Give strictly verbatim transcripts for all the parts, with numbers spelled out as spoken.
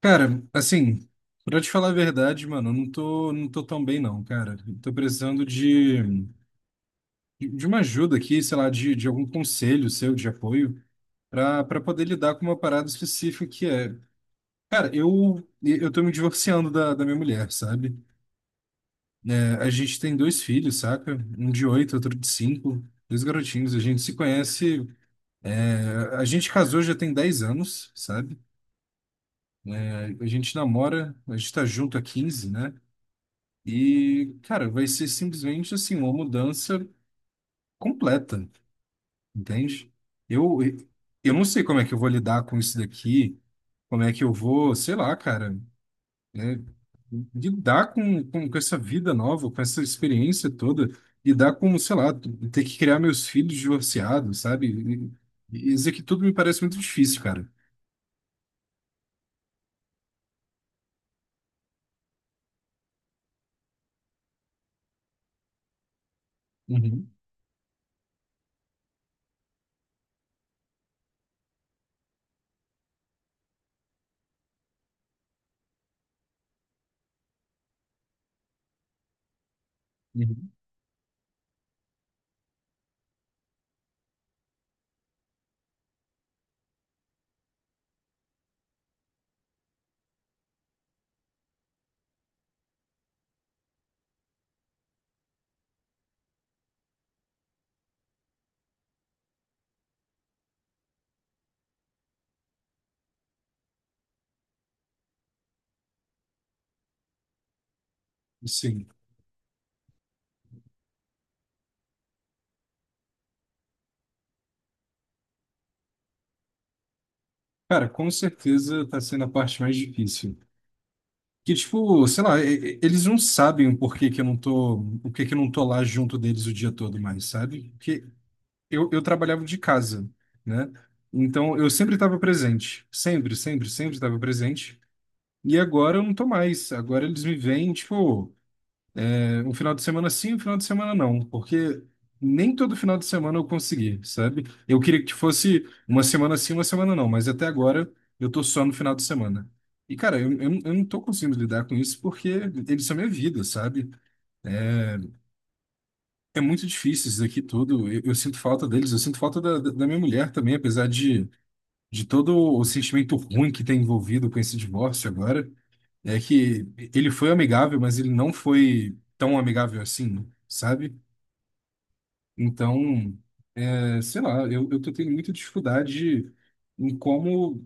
Cara, assim, pra te falar a verdade, mano, eu não tô, não tô tão bem não, cara. Eu tô precisando de, de uma ajuda aqui, sei lá, de, de algum conselho seu, de apoio, pra, pra poder lidar com uma parada específica que é. Cara, eu, eu tô me divorciando da, da minha mulher, sabe? É, a gente tem dois filhos, saca? Um de oito, outro de cinco, dois garotinhos. A gente se conhece. É, a gente casou já tem dez anos, sabe? É, a gente namora, a gente tá junto há quinze, né? E, cara, vai ser simplesmente assim, uma mudança completa, entende? Eu, eu não sei como é que eu vou lidar com isso daqui, como é que eu vou, sei lá, cara, né, lidar com, com, com essa vida nova, com essa experiência toda, lidar com, sei lá, ter que criar meus filhos divorciados, sabe? E, e isso aqui tudo me parece muito difícil, cara. Uhum, uhum. Sim. Cara, com certeza tá sendo a parte mais difícil. Que, tipo, sei lá, e- e- eles não sabem o porquê que eu não tô, o que que eu não tô lá junto deles o dia todo mais, sabe? Porque eu, eu trabalhava de casa, né? Então eu sempre estava presente, sempre, sempre, sempre estava presente. E agora eu não tô mais. Agora eles me veem, tipo, um final de semana sim, um final de semana não, porque nem todo final de semana eu consegui, sabe? Eu queria que fosse uma semana sim, uma semana não, mas até agora eu tô só no final de semana. E, cara, eu, eu, eu não tô conseguindo lidar com isso porque eles são minha vida, sabe? É muito difícil isso daqui tudo. Eu, eu sinto falta deles, eu sinto falta da, da da minha mulher também, apesar de, de todo o sentimento ruim que tem envolvido com esse divórcio agora. É que ele foi amigável, mas ele não foi tão amigável assim, sabe? Então. É, sei lá, eu, eu tô tendo muita dificuldade em como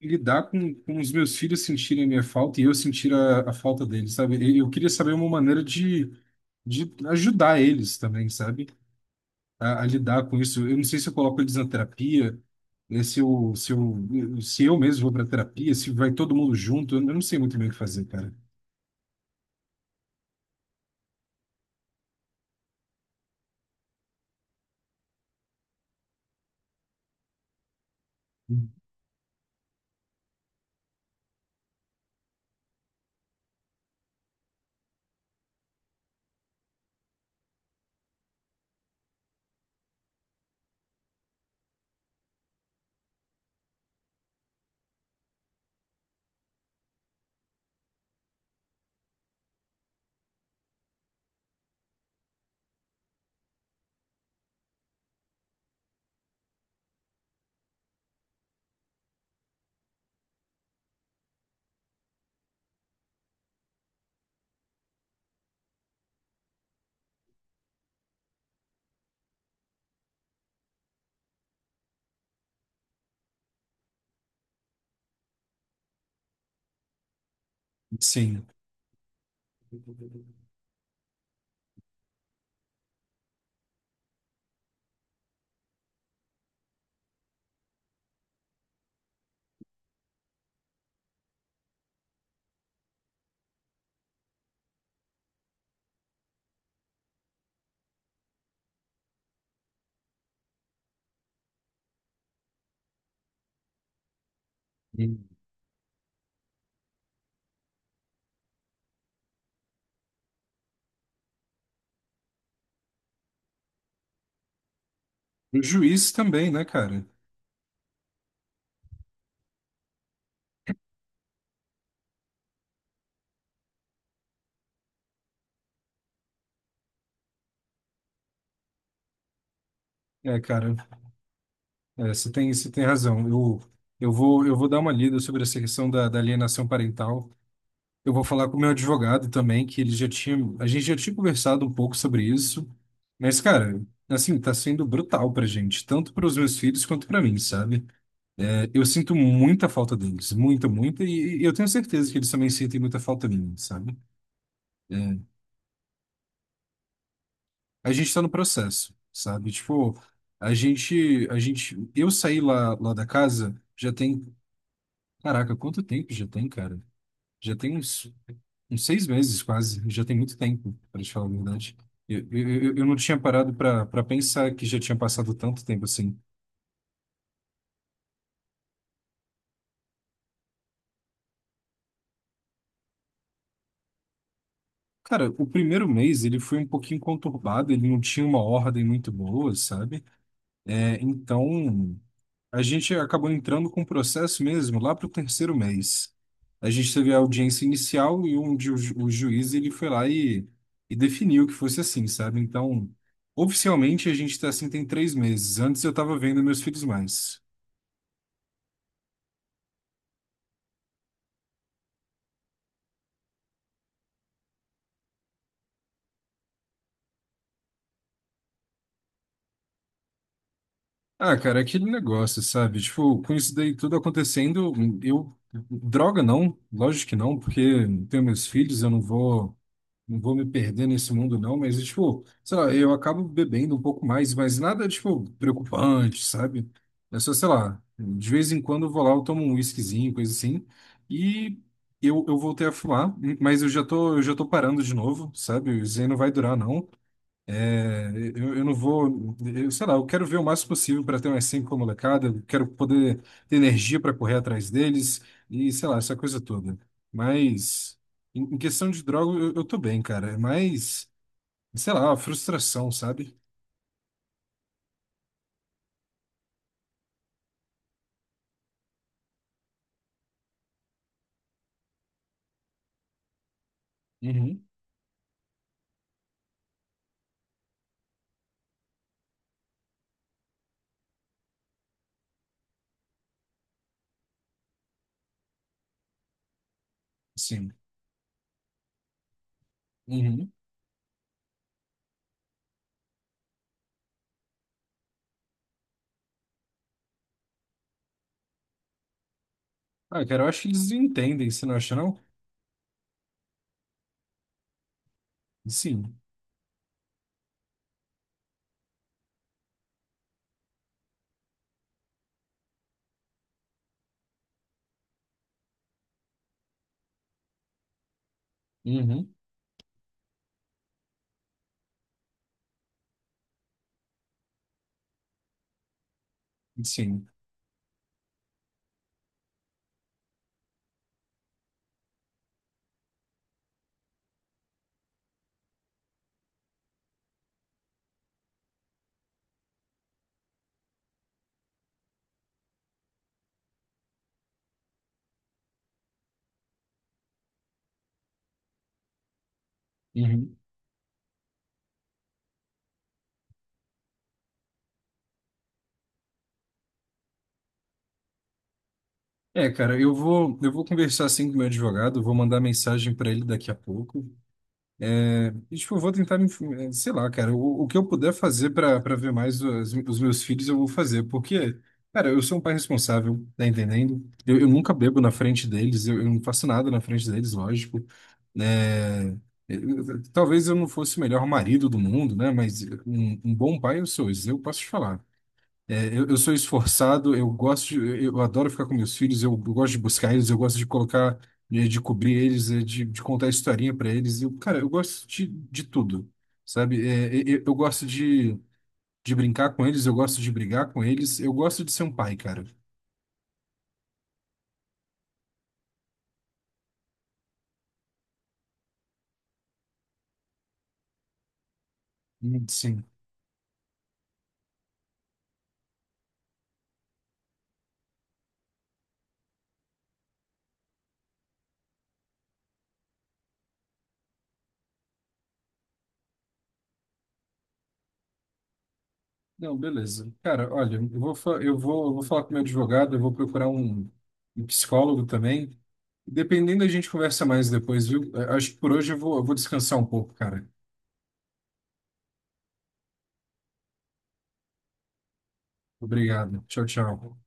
lidar com, com os meus filhos sentirem a minha falta e eu sentir a, a falta deles, sabe? E eu queria saber uma maneira de, de ajudar eles também, sabe? A, a lidar com isso. Eu não sei se eu coloco eles na terapia, né? Se eu, se eu, se eu mesmo vou pra terapia, se vai todo mundo junto, eu não sei muito bem o que fazer, cara. Sim. O juiz também, né, cara? É, cara, é, você tem, você tem razão. Eu, eu vou, eu vou dar uma lida sobre essa questão da, da alienação parental. Eu vou falar com o meu advogado também, que ele já tinha, a gente já tinha conversado um pouco sobre isso. Mas, cara, assim, tá sendo brutal pra gente, tanto para os meus filhos quanto pra mim, sabe? É, eu sinto muita falta deles, muita, muita, e, e eu tenho certeza que eles também sentem muita falta minha, sabe? É, a gente está no processo, sabe? Tipo, a gente, a gente, eu saí lá, lá da casa já tem, caraca, quanto tempo já tem, cara? Já tem uns, uns seis meses quase, já tem muito tempo, para te falar a verdade. Eu, eu, eu eu não tinha parado para para pensar que já tinha passado tanto tempo assim. Cara, o primeiro mês ele foi um pouquinho conturbado, ele não tinha uma ordem muito boa, sabe? É, então. A gente acabou entrando com o processo mesmo lá para o terceiro mês. A gente teve a audiência inicial e onde o, ju- o juiz ele foi lá e, e definiu que fosse assim, sabe? Então, oficialmente a gente está assim tem três meses. Antes eu estava vendo meus filhos mais. Ah, cara, é aquele negócio, sabe? Tipo, com isso daí tudo acontecendo, eu. Droga não, lógico que não, porque eu tenho meus filhos, eu não vou. Não vou me perder nesse mundo, não, mas, tipo, sei lá, eu acabo bebendo um pouco mais, mas nada, tipo, preocupante, sabe? É só, sei lá, de vez em quando eu vou lá, eu tomo um whiskyzinho, coisa assim, e eu, eu voltei a fumar, mas eu já tô, eu já tô parando de novo, sabe? Isso aí não vai durar, não. É, Eu, eu não vou, eu, sei lá, eu quero ver o máximo possível para ter umas cinco com a molecada, eu quero poder ter energia para correr atrás deles e sei lá, essa coisa toda. Mas em, em questão de droga, eu, eu tô bem, cara. É mais, sei lá, a frustração, sabe? Uhum, sim. Uhum. Ah, cara, eu acho que eles entendem, você não acha, não? Sim. Uhum, sim. Uhum. É, cara, eu vou, eu vou conversar assim com o meu advogado, vou mandar mensagem para ele daqui a pouco. E, tipo, eu vou tentar, me- eh, sei lá, cara, o, o que eu puder fazer para para ver mais os, os meus filhos, eu vou fazer, porque, cara, eu sou um pai responsável, tá entendendo? Eu, eu nunca bebo na frente deles, eu, eu não faço nada na frente deles, lógico, né? Eu- eu- Talvez eu não fosse o melhor marido do mundo, né? Mas um, um bom pai eu sou, isso eu posso te falar. É, eu, eu sou esforçado, eu gosto, de- eu, eu adoro ficar com meus filhos, eu, eu gosto de buscar eles, eu gosto de colocar, eh, de cobrir eles, eh, de, de contar historinha para eles. Eu, cara, eu gosto de, de tudo, sabe? É, eu, eu gosto de, de brincar com eles, eu gosto de brigar com eles, eu gosto de ser um pai, cara. Hum, Sim. Não, beleza. Cara, olha, eu vou, fa- eu vou, eu vou falar com meu advogado, eu vou procurar um, um psicólogo também. Dependendo, a gente conversa mais depois, viu? Eh, Acho que por hoje eu vou, eu vou descansar um pouco, cara. Obrigado. Tchau, tchau.